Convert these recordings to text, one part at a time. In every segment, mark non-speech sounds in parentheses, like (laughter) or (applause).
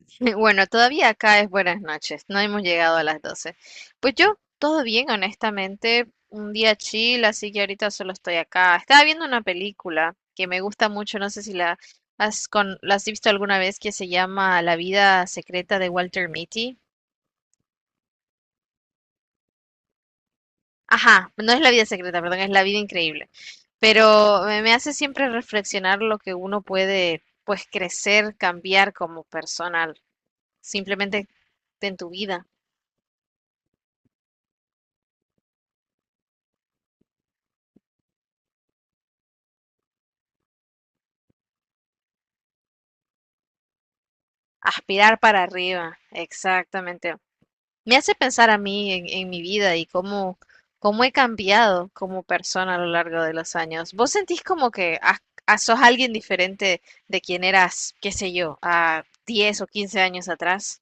(laughs) Bueno, todavía acá es buenas noches, no hemos llegado a las 12. Pues yo, todo bien, honestamente, un día chill, así que ahorita solo estoy acá. Estaba viendo una película que me gusta mucho, no sé si la has visto alguna vez, que se llama La vida secreta de Walter Mitty. Ajá, no es la vida secreta, perdón, es la vida increíble. Pero me hace siempre reflexionar lo que uno puede, pues, crecer, cambiar como persona, simplemente en tu vida. Aspirar para arriba, exactamente. Me hace pensar a mí en mi vida y cómo he cambiado como persona a lo largo de los años. ¿Vos sentís como que sos alguien diferente de quien eras, qué sé yo, a 10 o 15 años atrás?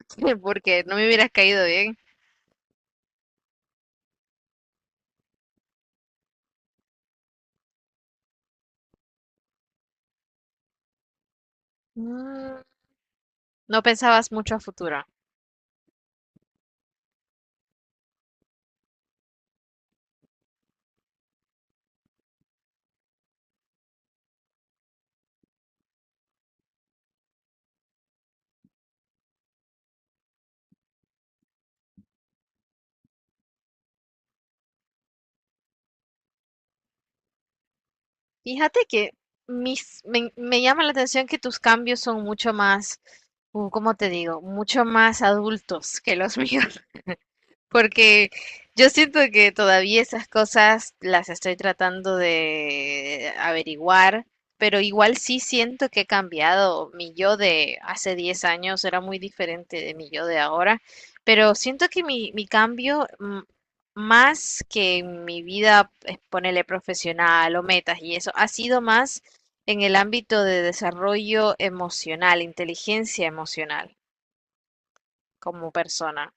(laughs) Porque no me hubieras caído bien. Mm. No pensabas mucho a futuro. Fíjate que me llama la atención que tus cambios son mucho más, ¿cómo te digo? Mucho más adultos que los (laughs) míos. Porque yo siento que todavía esas cosas las estoy tratando de averiguar, pero igual sí siento que he cambiado. Mi yo de hace 10 años era muy diferente de mi yo de ahora, pero siento que mi cambio, más que en mi vida, ponele profesional o metas y eso, ha sido más en el ámbito de desarrollo emocional, inteligencia emocional como persona.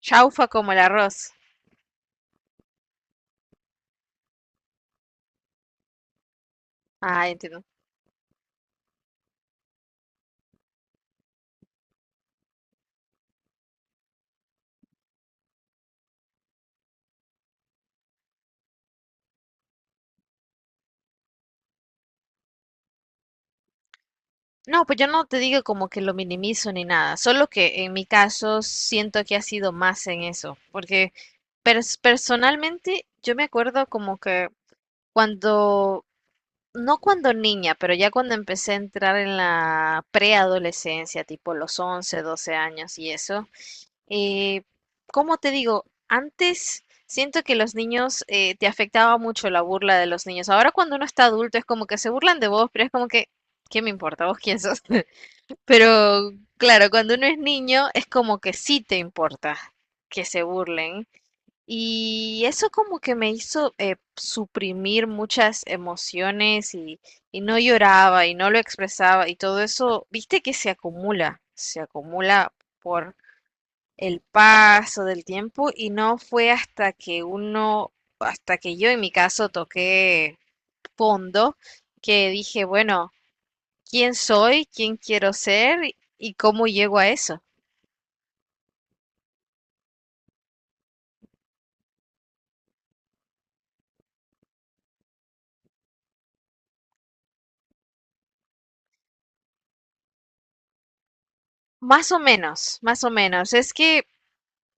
Chaufa como el arroz. Ah. No, pues yo no te digo como que lo minimizo ni nada, solo que en mi caso siento que ha sido más en eso, porque personalmente yo me acuerdo como que cuando, no cuando niña, pero ya cuando empecé a entrar en la preadolescencia, tipo los 11, 12 años y eso, eh, ¿cómo te digo? Antes siento que los niños te afectaba mucho la burla de los niños. Ahora cuando uno está adulto es como que se burlan de vos, pero es como que, ¿qué me importa vos quién sos? Pero claro, cuando uno es niño es como que sí te importa que se burlen. Y eso como que me hizo suprimir muchas emociones y no lloraba y no lo expresaba y todo eso, viste que se acumula por el paso del tiempo y no fue hasta que uno, hasta que yo en mi caso toqué fondo, que dije, bueno, quién soy, quién quiero ser y cómo llego a eso. Más o menos, más o menos. Es que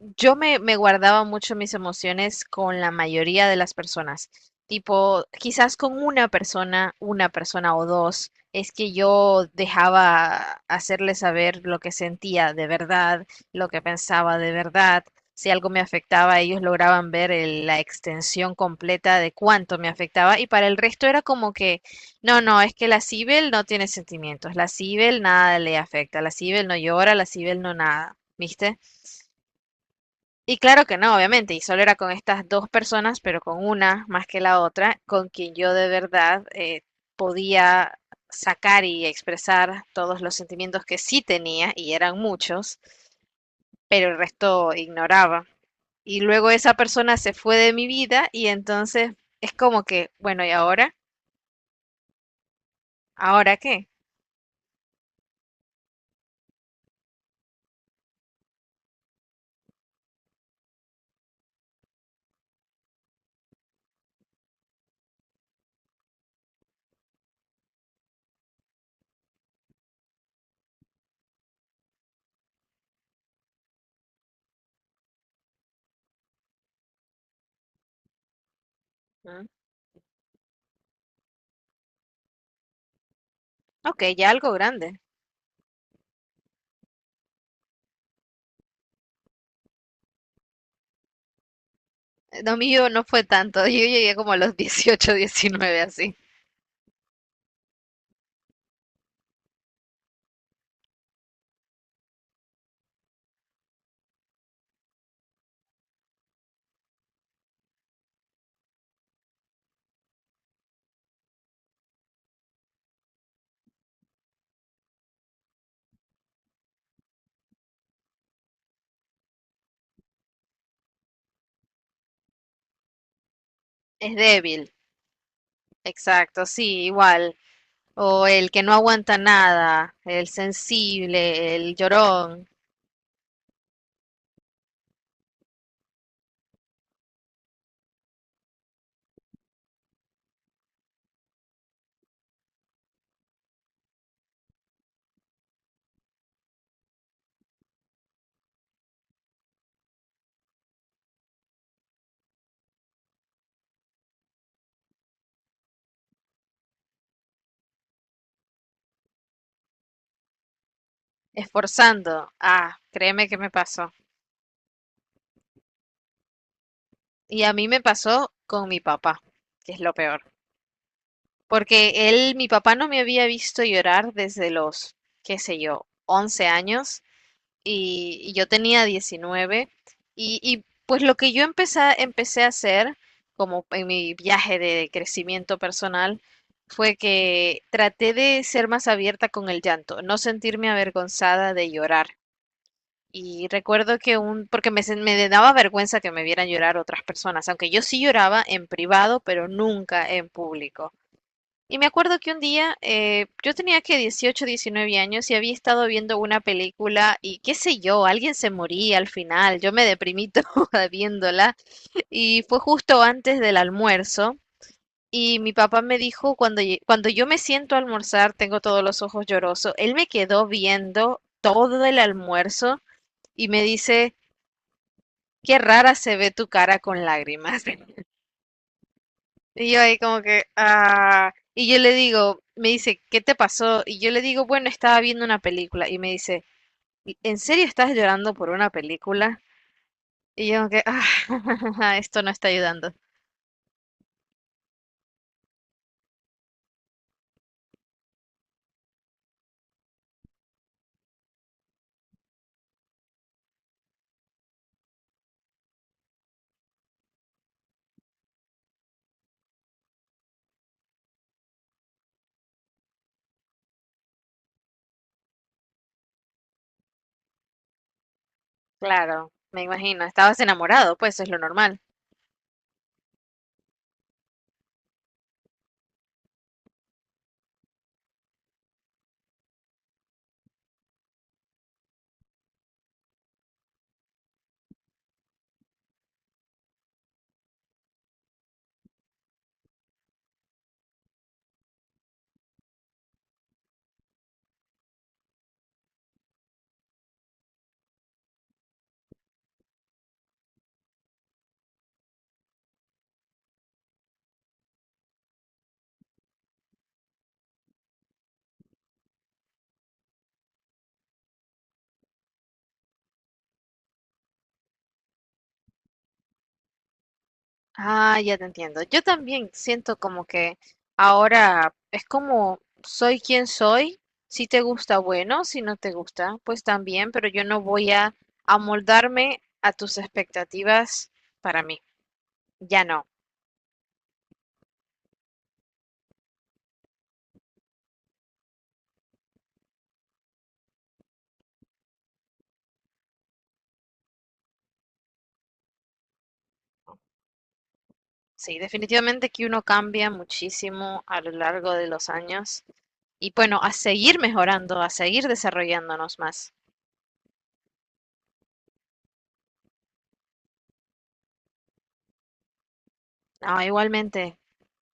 yo me guardaba mucho mis emociones con la mayoría de las personas. Tipo, quizás con una persona o dos, es que yo dejaba hacerle saber lo que sentía de verdad, lo que pensaba de verdad. Si algo me afectaba, ellos lograban ver la extensión completa de cuánto me afectaba. Y para el resto era como que, no, no, es que la Cibel no tiene sentimientos. La Cibel nada le afecta. La Cibel no llora, la Cibel no nada. ¿Viste? Y claro que no, obviamente, y solo era con estas dos personas, pero con una más que la otra, con quien yo de verdad podía sacar y expresar todos los sentimientos que sí tenía, y eran muchos, pero el resto ignoraba. Y luego esa persona se fue de mi vida y entonces es como que, bueno, ¿y ahora? ¿Ahora qué? ¿Mm? Ok, ya algo grande. Lo mío no fue tanto, (laughs) yo llegué como a los 18, 19 así. Es débil, exacto, sí, igual. O el que no aguanta nada, el sensible, el llorón, esforzando. Ah, créeme que me pasó. Y a mí me pasó con mi papá, que es lo peor. Porque él, mi papá no me había visto llorar desde los, qué sé yo, 11 años y yo tenía 19 y, pues lo que yo empecé a hacer como en mi viaje de crecimiento personal fue que traté de ser más abierta con el llanto, no sentirme avergonzada de llorar. Y recuerdo que un, porque me, sen- me daba vergüenza que me vieran llorar otras personas, aunque yo sí lloraba en privado, pero nunca en público. Y me acuerdo que un día yo tenía que 18, 19 años y había estado viendo una película y qué sé yo, alguien se moría al final, yo me deprimí (laughs) toda viéndola y fue justo antes del almuerzo y mi papá me dijo cuando yo me siento a almorzar tengo todos los ojos llorosos, él me quedó viendo todo el almuerzo y me dice, qué rara se ve tu cara con lágrimas. Y yo ahí como que, y yo le digo, me dice, ¿qué te pasó? Y yo le digo, bueno, estaba viendo una película. Y me dice, "¿en serio estás llorando por una película? Y yo como que, (laughs) esto no está ayudando. Claro, me imagino, estabas enamorado, pues es lo normal. Ah, ya te entiendo. Yo también siento como que ahora es como soy quien soy. Si te gusta, bueno, si no te gusta, pues también, pero yo no voy a amoldarme a tus expectativas para mí. Ya no. Sí, definitivamente que uno cambia muchísimo a lo largo de los años y bueno, a seguir mejorando, a seguir desarrollándonos más. No, igualmente,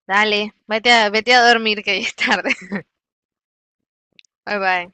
dale, vete a dormir que ya es tarde. (laughs) Bye bye.